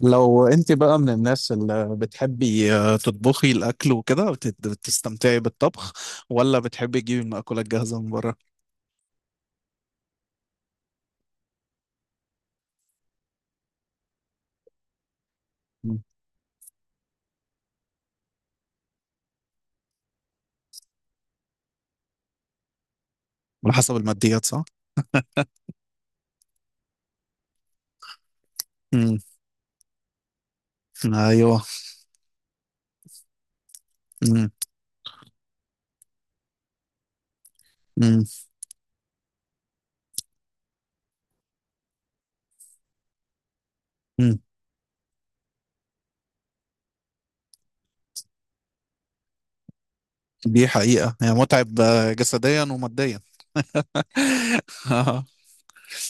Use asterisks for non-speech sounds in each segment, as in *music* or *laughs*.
لو انت بقى من الناس اللي بتحبي تطبخي الاكل وكده بتستمتعي بالطبخ، ولا بتحبي تجيبي المأكولات جاهزة من بره؟ مم. على حسب الماديات، صح؟ مم. ايوه. مم. مم. مم. دي حقيقة هي متعب جسديا وماديا. *laughs*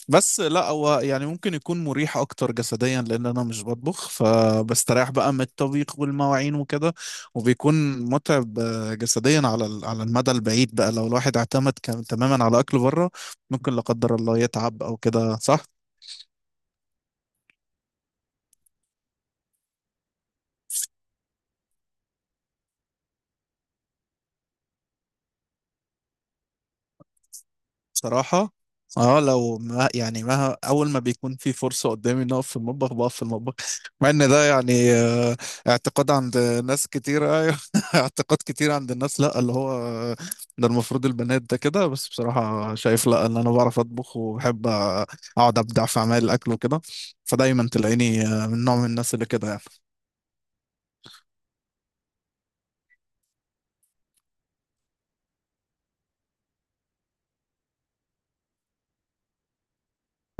بس لا هو يعني ممكن يكون مريح اكتر جسديا لان انا مش بطبخ، فبستريح بقى من الطبيخ والمواعين وكده. وبيكون متعب جسديا على على المدى البعيد بقى، لو الواحد اعتمد تماما على اكل بره ممكن لا قدر الله يتعب او كده، صح. بصراحة اه، لو ما يعني ما اول ما بيكون في فرصة قدامي ان اقف في المطبخ بقف في المطبخ، *laughs* مع ان ده يعني اعتقاد عند ناس كتير، ايوه، *laughs* اعتقاد كتير عند الناس، لا اللي هو ده المفروض البنات ده كده. بس بصراحة شايف لا، ان انا بعرف اطبخ وبحب اقعد ابدع في اعمال الاكل وكده. فدايما تلاقيني من نوع من الناس اللي كده يعني.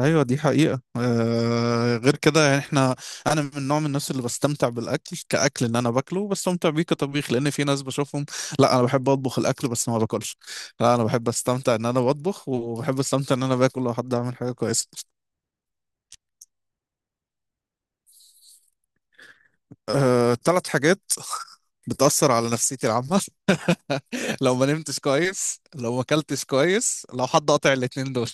ايوه دي حقيقة، آه غير كده يعني احنا، انا من نوع من الناس اللي بستمتع بالاكل كاكل، ان انا باكله بستمتع بيه كطبيخ، لان في ناس بشوفهم لا انا بحب اطبخ الاكل بس ما باكلش. لا انا بحب استمتع ان انا بطبخ، وبحب استمتع ان انا باكل لو حد عمل حاجة كويسة. آه ثلاث حاجات بتأثر على نفسيتي العامة. *laughs* لو ما نمتش كويس، لو ما اكلتش كويس، لو حد قاطع الاتنين دول،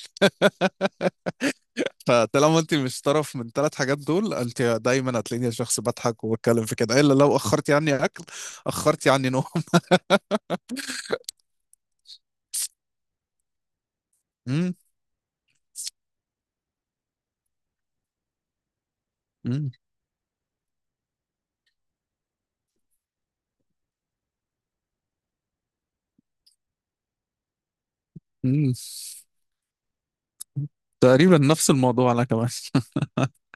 فطالما انت مش طرف من ثلاث حاجات دول انت دايما هتلاقيني شخص بضحك وبتكلم في كده، الا لو اخرتي عني اكل، اخرتي عني نوم. *laughs* مم، مم، مم. تقريبا نفس الموضوع انا كمان.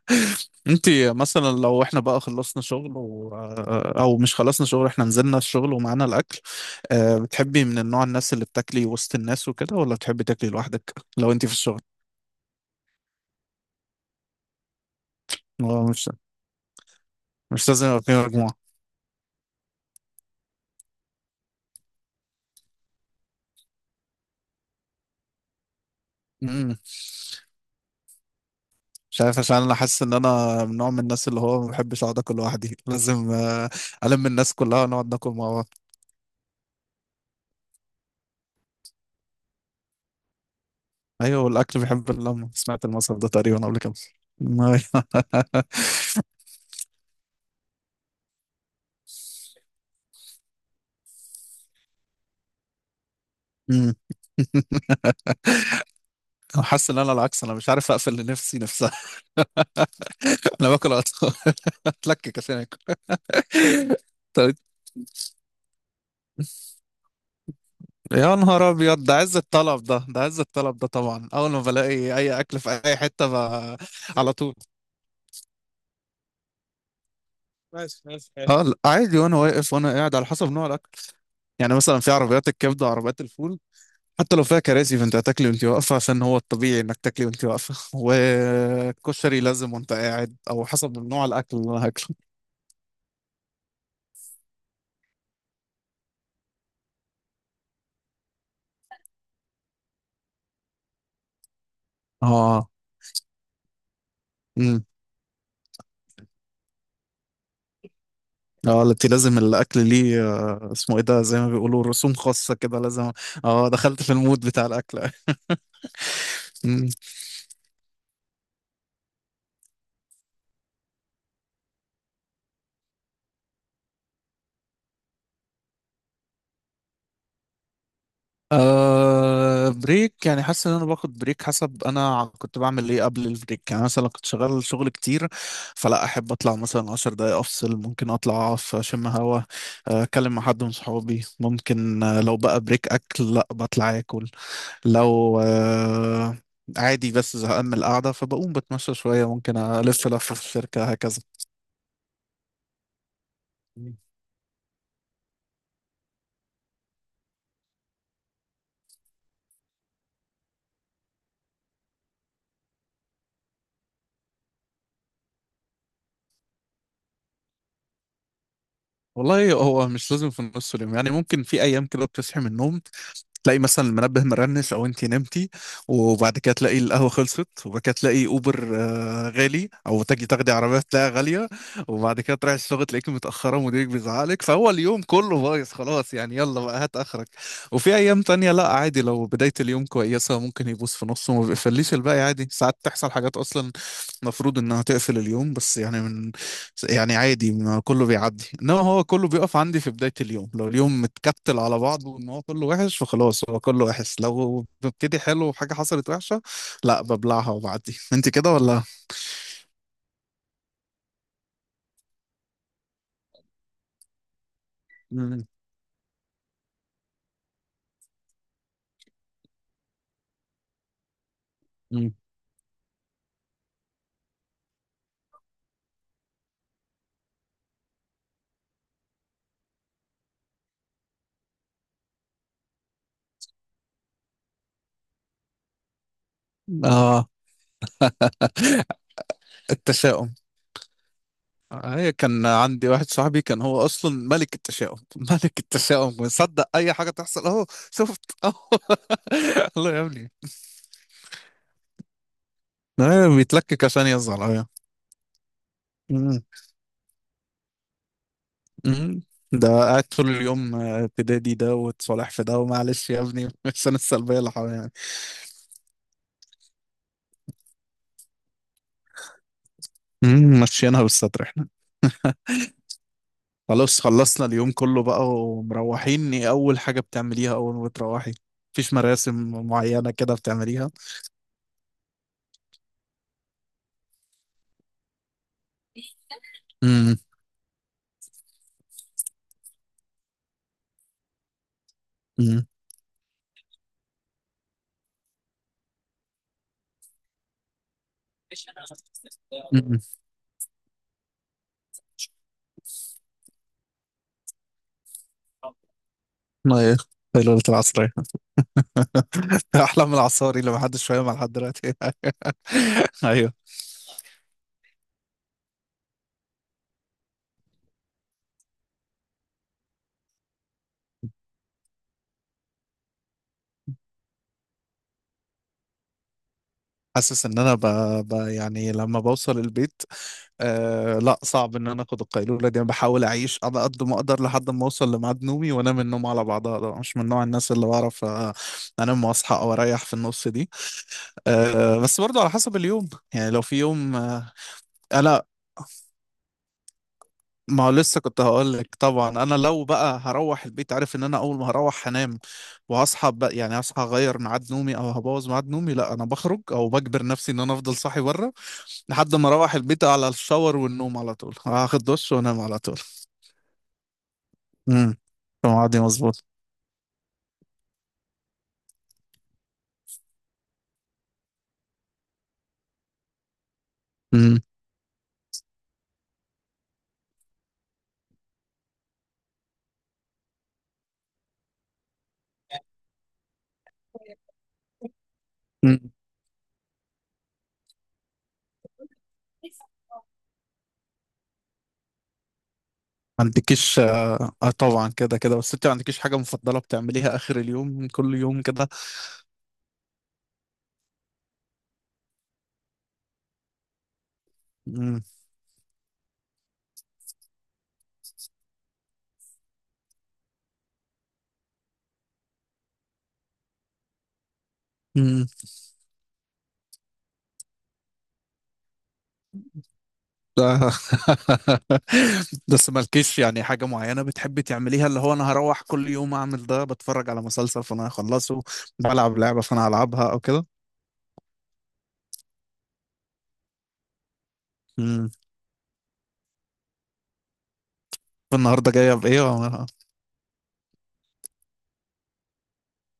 *laughs* انت مثلا لو احنا بقى خلصنا شغل و... آه، او مش خلصنا شغل احنا نزلنا الشغل ومعانا الاكل، بتحبي من النوع الناس اللي بتاكلي وسط الناس وكده، ولا بتحبي تاكلي لوحدك لو انت في الشغل؟ هو مش لازم يبقى في مجموعة. مم. مش عارف عشان انا حاسس ان انا من نوع من الناس اللي هو ما بحبش اقعد اكل لوحدي، *laughs* لازم الم الناس كلها ونقعد ناكل مع بعض. ايوه والاكل بيحب اللمه، سمعت المثل ده تقريبا قبل كده. أيوة. أمم. *laughs* انا حاسس ان انا العكس، انا مش عارف اقفل لنفسي نفسها. *laughs* انا باكل *laughs* اتلكك عشان اكل. طيب، يا نهار ابيض ده عز الطلب، ده عز الطلب ده. طبعا اول ما بلاقي اي اكل في اي حته على طول. ماشي ماشي اه، لا، عادي وانا واقف وانا قاعد على حسب نوع الاكل. يعني مثلا في عربيات الكبده وعربيات الفول حتى لو فيها كراسي فانت هتاكلي وانت واقفه، عشان هو الطبيعي انك تاكلي وانت واقفه. والكشري لازم وانت قاعد، او حسب نوع الاكل اللي انا هاكله. اه. امم. اه التي لازم الاكل ليه اسمه ايه ده، زي ما بيقولوا رسوم خاصه كده لازم. اه دخلت في المود بتاع الاكل. أه بريك، يعني حاسس ان انا باخد بريك حسب انا كنت بعمل ايه قبل البريك. يعني مثلا كنت شغال شغل كتير فلا احب اطلع مثلا 10 دقايق افصل، ممكن اطلع اقف اشم هوا، اتكلم مع حد من صحابي. ممكن لو بقى بريك اكل لا بطلع اكل. لو أه عادي بس زهقان من القعده فبقوم بتمشى شويه، ممكن الف لفه في الشركه هكذا. والله هو مش لازم في نص اليوم، يعني ممكن في ايام كده بتصحي من النوم تلاقي مثلا المنبه مرنش او انتي نمتي، وبعد كده تلاقي القهوه خلصت، وبعد كده تلاقي اوبر غالي، او تجي تاخدي عربيه تلاقيها غاليه، وبعد كده تروحي الشغل تلاقيكي متاخره ومديرك بيزعلك، فهو اليوم كله بايظ خلاص يعني، يلا بقى هات اخرك. وفي ايام تانية لا عادي، لو بدايه اليوم كويسه ممكن يبوظ في نصه وما بيقفليش الباقي. عادي ساعات تحصل حاجات اصلا المفروض انها تقفل اليوم بس يعني من، يعني عادي ما كله بيعدي، انما هو كله بيقف عندي في بداية اليوم، لو اليوم متكتل على بعضه ان هو كله وحش فخلاص هو كله وحش. لو ببتدي حلو وحاجة حصلت وحشة لا ببلعها وبعدي. *laughs* انت كده ولا؟ مم. مم. اه التشاؤم، هي كان عندي واحد صاحبي كان هو اصلا ملك التشاؤم، *laughs* ملك التشاؤم ويصدق اي حاجة تحصل اهو شفت اهو. *laughs* الله يا ابني، بيتلكك عشان يزعل. ايوه. مم. ده قاعد طول اليوم تدادي ده وتصالح في ده ومعلش يا ابني، *laughs* مش انا السلبيه اللي حوالينا يعني. مم، ماشيينها بالستر احنا. خلاص خلصنا اليوم كله بقى ومروحين، ايه اول حاجه بتعمليها اول ما بتروحي؟ مفيش مراسم معينه كده بتعمليها؟ امم. امم. امم. ما ايه، هي ليله العصريه. *laughs* احلام العصاري اللي محدش فاهمها لحد دلوقتي. *laughs* ايوه حاسس ان انا يعني لما بوصل البيت أه لا، صعب ان انا اخد القيلوله دي. انا بحاول اعيش على قد ما اقدر لحد ما اوصل لميعاد نومي وانام النوم على بعضها، ده مش من نوع الناس اللي بعرف انام واصحى او اريح في النص دي. أه بس برضه على حسب اليوم، يعني لو في يوم أه لا، ما هو لسه كنت هقول لك. طبعا انا لو بقى هروح البيت عارف ان انا اول ما هروح هنام، وهصحى بقى يعني هصحى اغير ميعاد نومي او هبوظ ميعاد نومي، لا انا بخرج او بجبر نفسي ان انا افضل صاحي بره لحد ما اروح البيت على الشاور والنوم على طول، هاخد دش وانام على طول. امم. فاهم، عادي، مظبوط. امم. امم. ما عندكيش؟ اه طبعا كده كده، بس انت ما عندكيش حاجة مفضلة بتعمليها آخر اليوم كل يوم كده؟ امم. امم. لا. *laughs* بس مالكيش يعني حاجة معينة بتحبي تعمليها، اللي هو انا هروح كل يوم اعمل ده، بتفرج على مسلسل فانا هخلصه، بلعب لعبة فانا هلعبها او كده؟ امم. النهارده جاية بإيه؟